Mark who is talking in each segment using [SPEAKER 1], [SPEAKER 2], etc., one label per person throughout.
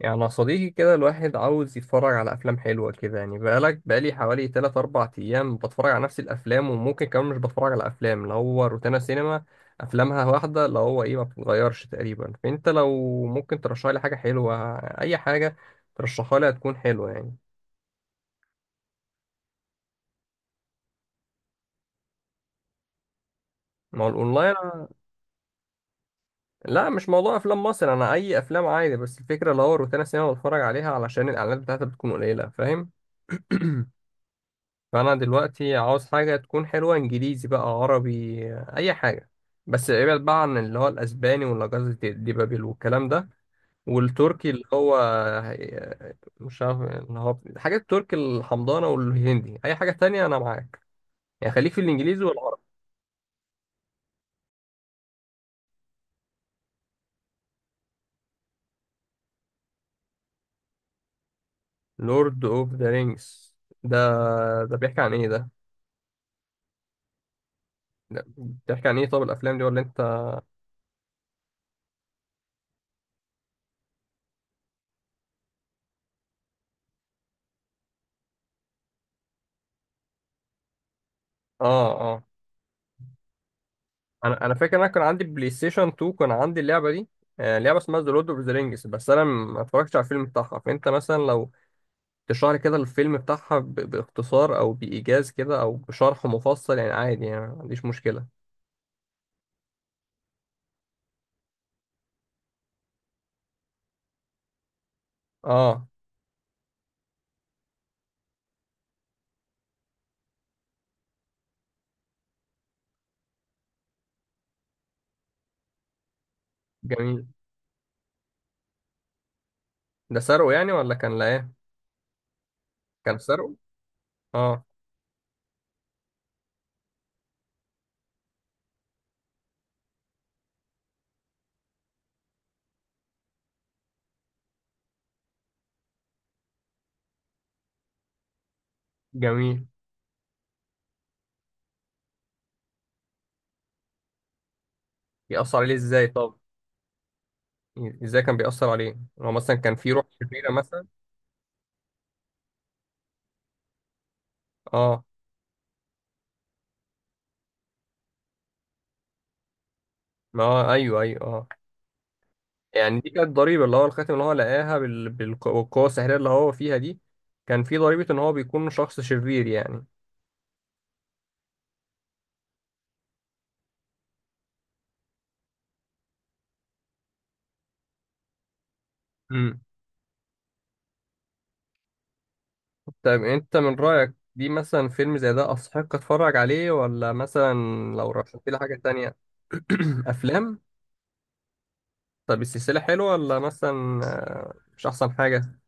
[SPEAKER 1] يعني يا صديقي كده، الواحد عاوز يتفرج على أفلام حلوة كده. يعني بقالي حوالي تلات أربع أيام بتفرج على نفس الأفلام، وممكن كمان مش بتفرج على أفلام. اللي هو روتانا سينما أفلامها واحدة، اللي هو إيه، ما بتتغيرش تقريبا. فأنت لو ممكن ترشح لي حاجة حلوة، أي حاجة ترشحها لي هتكون حلوة يعني. ما هو الأونلاين. لا، مش موضوع أفلام مصر، أنا أي أفلام عادي. بس الفكرة اللي هو روتانا سينما بتفرج عليها علشان الإعلانات بتاعتها بتكون قليلة، فاهم. فانا دلوقتي عاوز حاجه تكون حلوه، انجليزي بقى عربي، اي حاجه. بس ابعد بقى عن اللي هو الاسباني ولا جازة ديبابيل والكلام ده، والتركي اللي هو مش عارف، اللي هو حاجات التركي الحمضانه والهندي. اي حاجه تانية انا معاك، يعني خليك في الانجليزي والعربي. لورد اوف ذا رينجز. ده ده بيحكي عن ايه ده؟ ده بيحكي عن ايه؟ طب الافلام دي ولا انت؟ اه اه، انا فاكر إن انا كان عندي بلاي ستيشن 2، كان عندي اللعبه دي. لعبه اسمها ذا لورد اوف ذا رينجز، بس انا ما اتفرجتش على الفيلم بتاعها. فانت مثلا لو تشرح لي كده الفيلم بتاعها باختصار او بايجاز كده، او بشرح مفصل يعني، عادي يعني ما عنديش مشكله. اه، جميل. ده سرقه يعني ولا كان، لا ايه؟ كان سرقه؟ اه، جميل. بيأثر عليه ازاي طب؟ ازاي كان بيأثر عليه؟ هو مثلا كان في روح شريره مثلا؟ اه. ما هو ايوه ايوه اه. يعني دي كانت ضريبة اللي هو الخاتم اللي هو لقاها بالقوة السحرية اللي هو فيها دي؟ كان في ضريبة إن هو بيكون شخص شرير يعني؟ امم. طيب أنت من رأيك دي، مثلا فيلم زي ده أستحق أتفرج عليه، ولا مثلا لو رشحت لي حاجة تانية؟ أفلام. طب السلسلة حلوة، ولا مثلا مش أحسن حاجة؟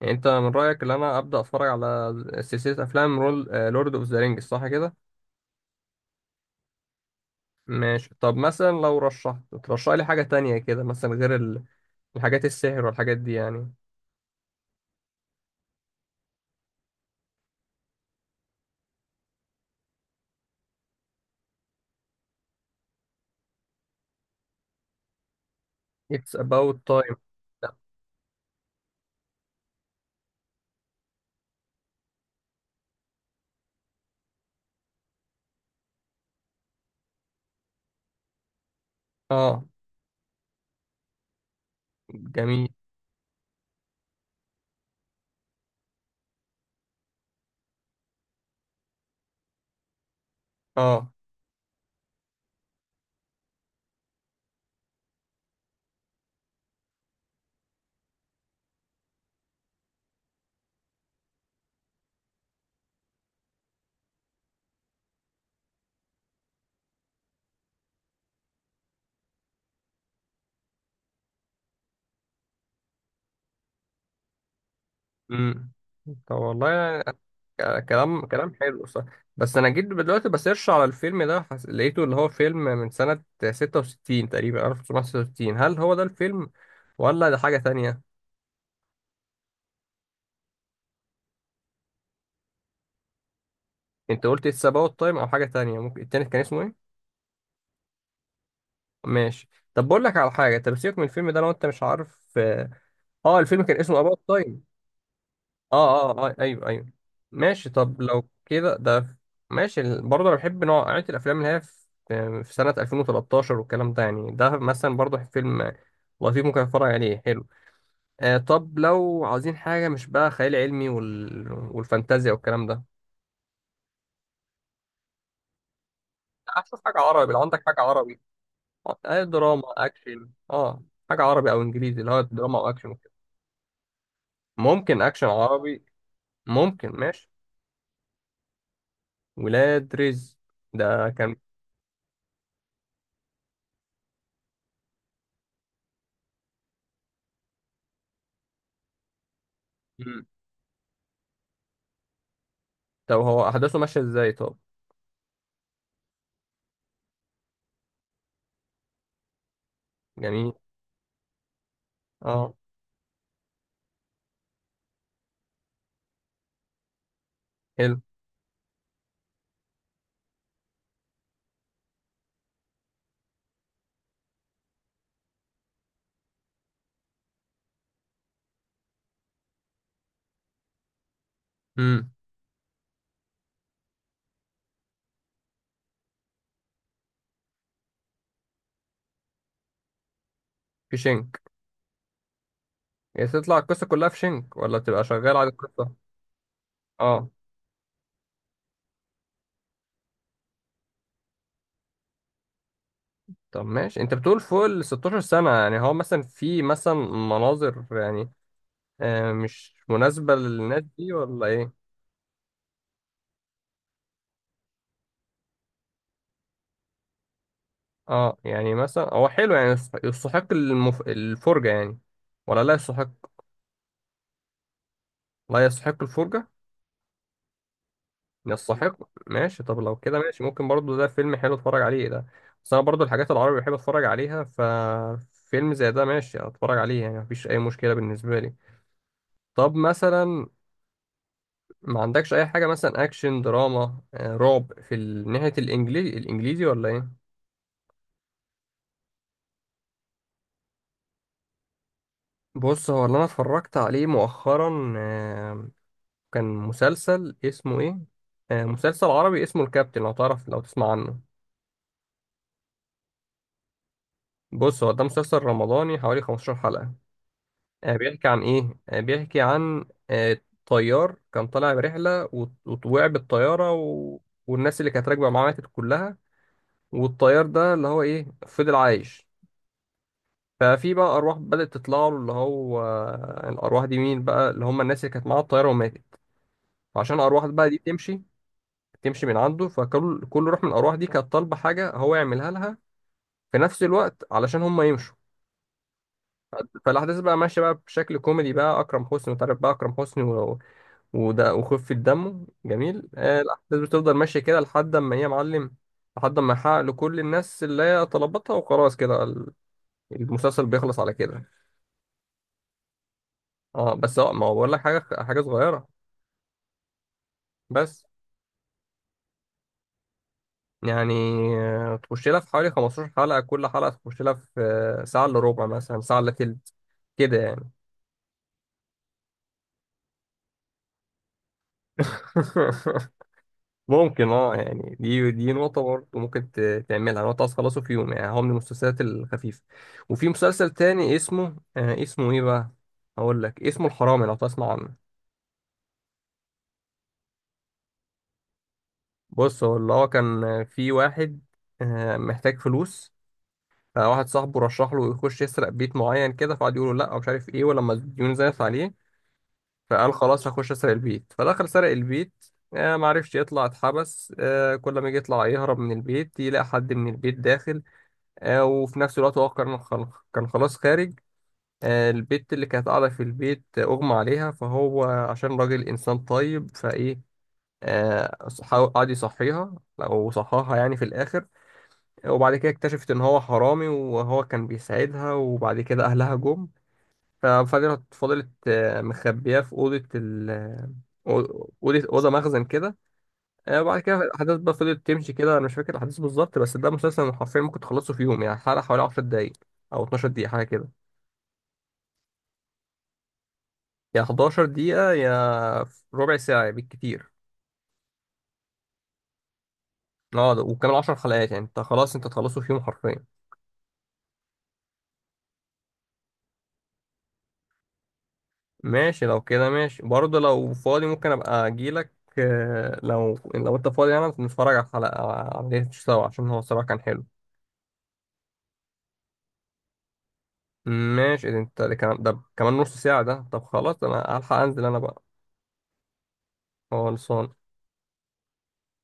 [SPEAKER 1] يعني أنت من رأيك إن أنا أبدأ أتفرج على سلسلة أفلام رول لورد أوف ذا رينجز، صح كده؟ ماشي. طب مثلا لو رشحت ترشح لي حاجة تانية كده، مثلا غير الحاجات السحر والحاجات دي يعني. It's about time. اه، جميل. اه. امم. طب والله يعني. كلام حلو، صح. بس انا جيت دلوقتي بسيرش على الفيلم ده، لقيته اللي هو فيلم من سنة 66 تقريبا، 1966، هل هو ده الفيلم ولا ده حاجة تانية؟ انت قلت It's about time او حاجة تانية؟ ممكن التاني كان اسمه ايه؟ ماشي. طب بقول لك على حاجة، طب سيبك من الفيلم ده لو انت مش عارف. اه، الفيلم كان اسمه about time. اه اه، ايوه ايوه. ماشي. طب لو كده ده ماشي. برضه انا بحب نوعية الافلام اللي هي في سنة 2013 والكلام ده يعني، ده مثلا برضه فيلم لطيف ممكن اتفرج عليه، حلو. طب لو عاوزين حاجة مش بقى خيال علمي والفانتازيا والكلام ده. لا، اشوف حاجة عربي لو عندك حاجة عربي. آه دراما اكشن اه. حاجة عربي او انجليزي اللي هو دراما او اكشن وكده. ممكن اكشن عربي. ممكن، ماشي. ولاد رزق. ده كان. طب هو احداثه ماشيه ازاي طب؟ جميل. اه. حلو. امم. في شنك. يعني تطلع القصه كلها في شنك، ولا بتبقى شغال على القصه؟ اه. طب ماشي. انت بتقول فوق ال 16 سنه، يعني هو مثلا في مثلا مناظر يعني، آه مش مناسبه للناس دي ولا ايه؟ اه يعني مثلا هو حلو يعني، يستحق يستحق الفرجه يعني، ولا لا يستحق؟ لا يستحق الفرجه؟ يستحق. ماشي. طب لو كده ماشي، ممكن برضو ده فيلم حلو اتفرج عليه ده. بس انا برضو الحاجات العربي بحب اتفرج عليها، ففيلم زي ده ماشي اتفرج عليه يعني، مفيش اي مشكلة بالنسبة لي. طب مثلا ما عندكش اي حاجة مثلا اكشن دراما، رعب في ناحية الانجليزي الانجليزي ولا ايه؟ بص، هو اللي انا اتفرجت عليه مؤخرا، كان مسلسل اسمه ايه، مسلسل عربي اسمه الكابتن، لو تعرف لو تسمع عنه. بص، هو ده مسلسل رمضاني حوالي 15 حلقة. بيحكي عن ايه، بيحكي عن آه، طيار كان طالع برحله وقع بالطياره، والناس اللي كانت راكبه معاه ماتت كلها. والطيار ده اللي هو ايه فضل عايش. ففي بقى ارواح بدات تطلع له، اللي هو الارواح دي مين بقى، اللي هم الناس اللي كانت معاه الطياره وماتت. فعشان الارواح بقى دي تمشي تمشي من عنده، فكل روح من الارواح دي كانت طالبه حاجه هو يعملها لها في نفس الوقت، علشان هم يمشوا. فالاحداث بقى ماشيه بقى بشكل كوميدي بقى. اكرم حسني، وتعرف بقى اكرم حسني وده وخفة دمه جميل. الأحداث بتفضل ماشية كده لحد ما هي معلم، لحد ما يحقق لكل الناس اللي هي طلبتها، وخلاص كده المسلسل بيخلص على كده. اه بس هو، ما هو بقول لك حاجة حاجة صغيرة بس. يعني تخش لها في حوالي 15 حلقة، كل حلقة تخش لها في ساعة إلا ربع مثلا، ساعة إلا تلت كده يعني. ممكن اه. يعني دي نقطة برضه، ممكن تعملها نقطة تخلصه في يوم يعني، هو من المسلسلات الخفيفة. وفي مسلسل تاني اسمه، آه اسمه ايه بقى؟ هقول لك، اسمه الحرامي لو تسمع عنه. بص، هو اللي هو كان في واحد آه محتاج فلوس، فواحد صاحبه رشح له يخش يسرق بيت معين كده، فقعد يقول له لا ومش عارف ايه. ولما الديون زادت عليه، فقال خلاص هخش اسرق البيت. فدخل سرق البيت، آه معرفش يطلع، اتحبس آه، كل ما يجي يطلع يهرب من البيت يلاقي حد من البيت داخل. وفي نفس الوقت هو كان كان خلاص خارج. البت اللي كانت قاعدة في البيت أغمى عليها، فهو عشان راجل إنسان طيب فإيه قعد يصحيها، أو صحاها يعني في الآخر. وبعد كده اكتشفت إن هو حرامي، وهو كان بيساعدها. وبعد كده أهلها جم، ففضلت مخبية في أوضة ال أوضة أوضة مخزن كده. وبعد كده الأحداث بقى فضلت تمشي كده. أنا مش فاكر الأحداث بالظبط، بس ده مسلسل حرفيا ممكن تخلصه في يوم يعني. حلقة حوالي 10 دقايق أو 12 دقيقة حاجة كده، يا 11 دقيقة يا ربع ساعة بالكتير. اه وكمان 10 حلقات يعني انت خلاص، انت تخلصه في يوم حرفيا. ماشي، لو كده ماشي برضه، لو فاضي ممكن أبقى أجيلك. لو انت فاضي يعني نتفرج على الحلقة على ليه سوا، عشان هو الصراحة كان حلو. ماشي. ده انت ده كمان نص ساعة ده، طب خلاص أنا هلحق أنزل أنا بقى. خلصان.